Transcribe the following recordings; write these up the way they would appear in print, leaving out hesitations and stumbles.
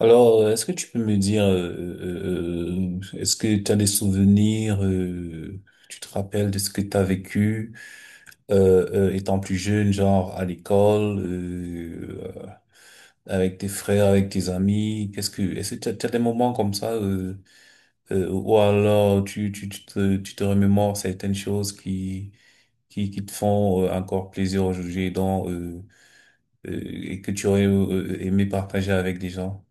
Alors, est-ce que tu peux me dire, est-ce que tu as des souvenirs, tu te rappelles de ce que tu as vécu étant plus jeune, genre à l'école, avec tes frères, avec tes amis? Est-ce que tu as des moments comme ça, ou alors tu te remémores certaines choses qui te font encore plaisir aujourd'hui, donc, et que tu aurais aimé partager avec des gens?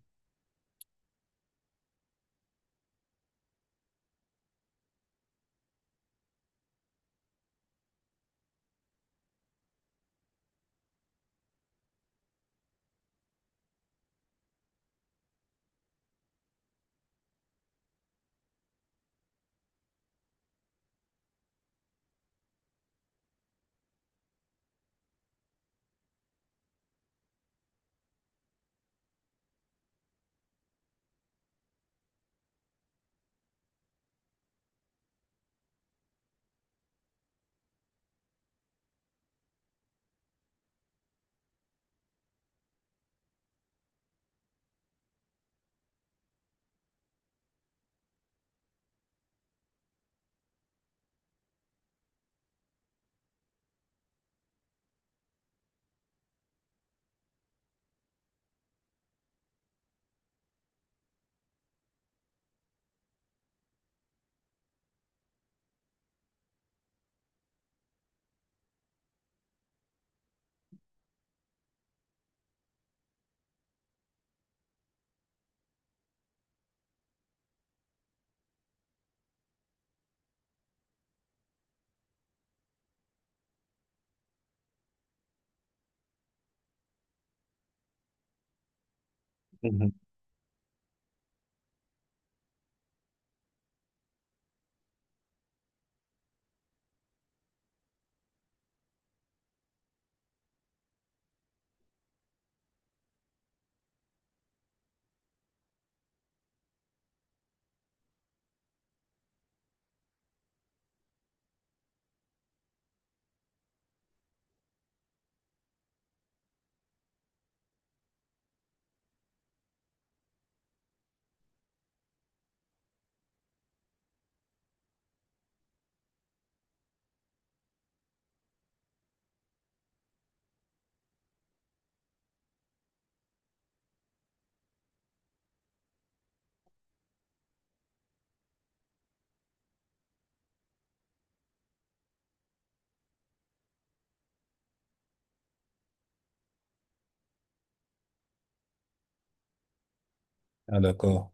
Ah, d'accord.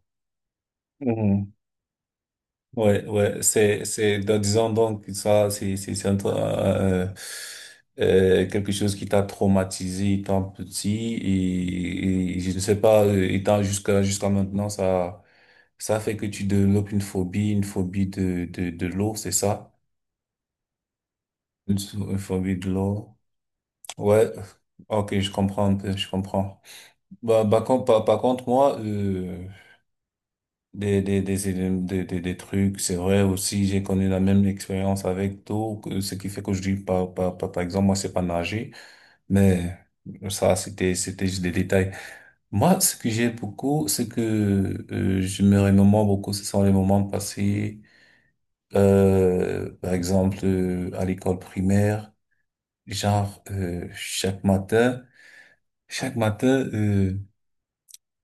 Mhm. Ouais, ouais, donc, disons donc, que ça, c'est quelque chose qui t'a traumatisé étant petit et je ne sais pas, étant jusqu'à maintenant, ça fait que tu développes une phobie de l'eau, c'est ça? Une phobie de l'eau. Ouais. Ok, je comprends un peu, je comprends. Bah, bah, par contre, moi, des trucs. C'est vrai aussi, j'ai connu la même expérience avec l'eau, ce qui fait que je dis, par exemple, moi, c'est pas nager, mais ça, c'était juste des détails. Moi, ce que je me remémore beaucoup, ce sont les moments passés, par exemple, à l'école primaire, genre, chaque matin, euh,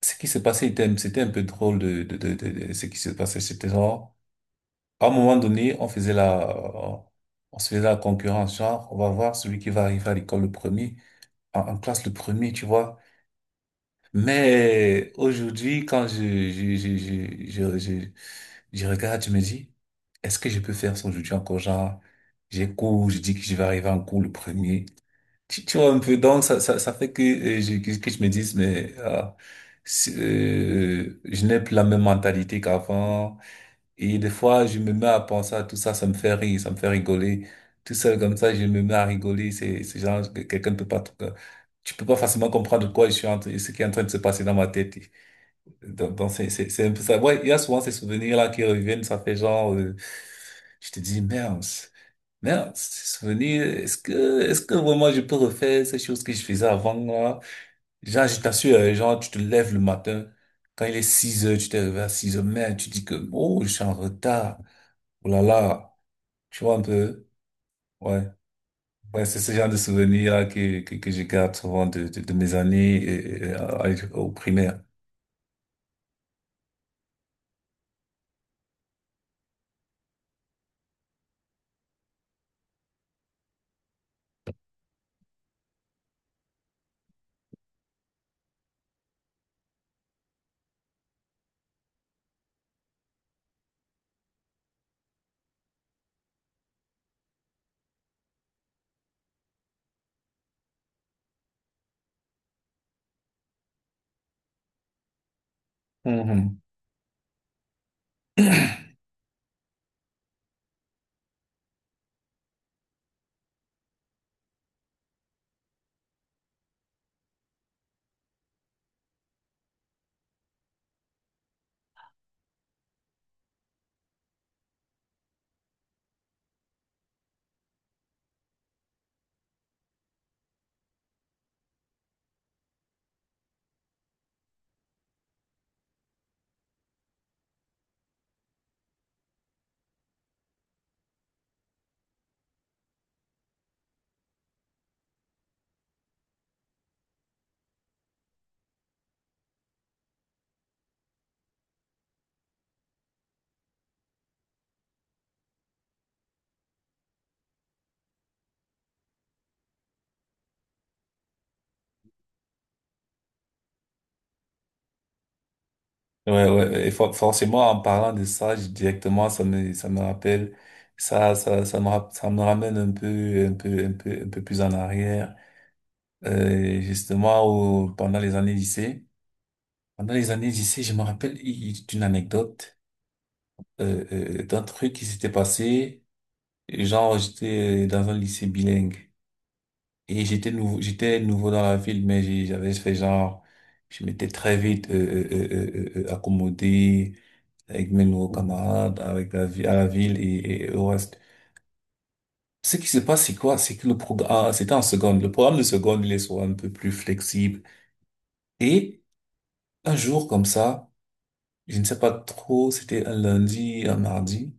ce qui se passait c'était un peu drôle de ce qui se passait, c'était genre, à un moment donné, on se faisait la concurrence, genre, on va voir celui qui va arriver à l'école le premier, en classe le premier, tu vois. Mais aujourd'hui, quand je regarde, je me dis, est-ce que je peux faire ça aujourd'hui encore? Genre, j'ai cours, je dis que je vais arriver en cours le premier. Tu vois un peu, donc ça fait que, que je me dise, mais ah, je n'ai plus la même mentalité qu'avant. Et des fois, je me mets à penser à tout ça, ça me fait rire, ça me fait rigoler. Tout seul comme ça, je me mets à rigoler. C'est genre, que quelqu'un ne peut pas, tu peux pas facilement comprendre de quoi je suis en train, ce qui est en train de se passer dans ma tête. Donc c'est un peu ça. Ouais, il y a souvent ces souvenirs-là qui reviennent, ça fait genre, je te dis, merde. Merde, c'est revenu. Est-ce que vraiment je peux refaire ces choses que je faisais avant là? Genre, je t'assure, genre, tu te lèves le matin, quand il est 6 heures, tu t'es réveillé à 6 heures, merde, tu dis que, oh, je suis en retard. Oh là là, tu vois un peu, ouais. Ouais, c'est ce genre de souvenirs là que je garde souvent de mes années euh, au primaire. Mhm. Ouais, ouais, ouais, et forcément, en parlant de ça, directement, ça me rappelle, ça me ramène un peu plus en arrière, justement, pendant les années lycée. Pendant les années lycée, je me rappelle d'une anecdote, d'un truc qui s'était passé. Genre, j'étais dans un lycée bilingue. Et j'étais nouveau dans la ville, mais j'avais fait genre, je m'étais très vite accommodé avec mes nouveaux camarades, avec la vie, à la ville et au reste. Ce qui se passe, c'est quoi? C'est que le programme, ah, c'était en seconde. Le programme de seconde, il est souvent un peu plus flexible. Et un jour comme ça, je ne sais pas trop, c'était un lundi, un mardi.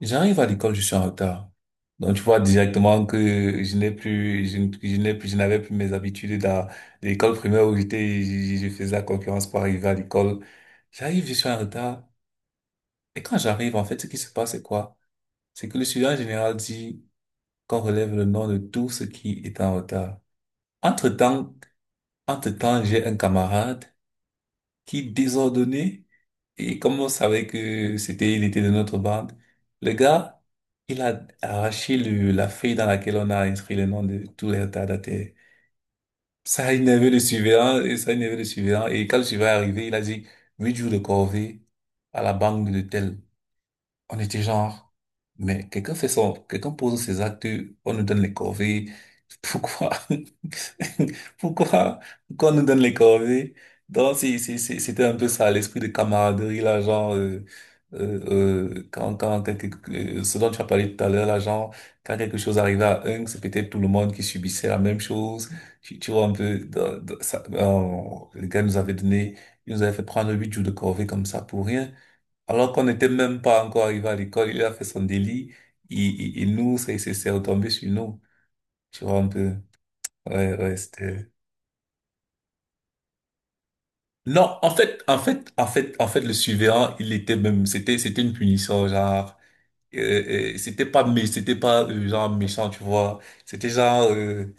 J'arrive à l'école, je suis en retard. Donc, tu vois directement que je n'ai plus, je, n- je n'ai plus, je n'avais plus mes habitudes à l'école primaire où j'étais, je faisais la concurrence pour arriver à l'école. J'arrive, je suis en retard. Et quand j'arrive, en fait, ce qui se passe, c'est quoi? C'est que le surveillant général dit qu'on relève le nom de tout ce qui est en retard. Entre-temps, entre-temps, j'ai un camarade qui, désordonné, et comme on savait que il était de notre bande, le gars, il a arraché la feuille dans laquelle on a inscrit le nom de tous les retardataires. Ça a énervé le surveillant, et ça a énervé le surveillant. Et quand le surveillant est arrivé, il a dit, huit jours de corvée à la banque de tel. On était genre, mais quelqu'un pose ses actes, on nous donne les corvées. Pourquoi? Pourquoi qu'on nous donne les corvées? Donc, c'était un peu ça, l'esprit de camaraderie, là, genre, euh, euh, quand, quand quelque, ce dont tu as parlé tout à l'heure, là, genre, quand quelque chose arrivait à un, c'est peut-être tout le monde qui subissait la même chose. Tu vois un peu, ça, les gars nous avaient donné, ils nous avaient fait prendre huit jours de corvée comme ça pour rien. Alors qu'on n'était même pas encore arrivé à l'école, il a fait son délit, il nous, c'est retombé sur nous. Tu vois un peu. Ouais, ouais, c'était. Non, en fait, le surveillant, c'était une punition, genre, c'était pas, mais c'était pas, genre, méchant, tu vois. C'était genre,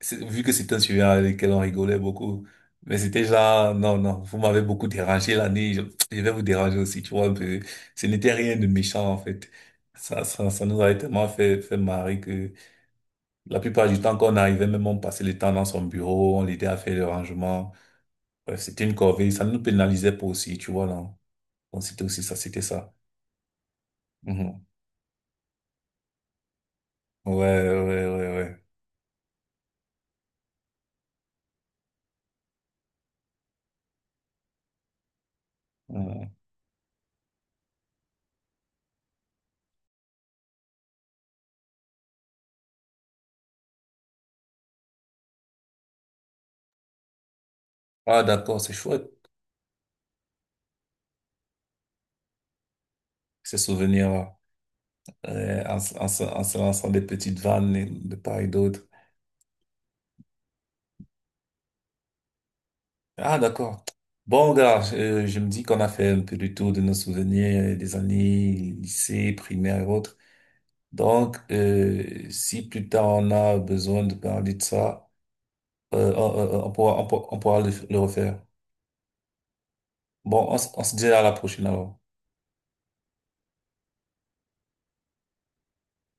vu que c'était un sujet avec lequel on rigolait beaucoup, mais c'était genre, non, non, vous m'avez beaucoup dérangé l'année, je vais vous déranger aussi, tu vois, un peu. Ce n'était rien de méchant, en fait. Ça nous avait tellement fait marrer que la plupart du temps qu'on arrivait, même on passait le temps dans son bureau, on l'aidait à faire le rangement. Bref, c'était une corvée, ça ne nous pénalisait pas aussi, tu vois, non. Donc c'était aussi ça, c'était ça. Mhm. Ouais, ouais, ouais, ouais. Mhm. Ah, d'accord, c'est chouette, ces souvenirs. En se lançant des petites vannes de part et d'autre. Ah, d'accord. Bon, gars, je me dis qu'on a fait un peu le tour de nos souvenirs des années lycée, primaire et autres. Donc, si plus tard on a besoin de parler de ça, euh, on, on pourra le refaire. Bon, on se dit à la prochaine alors.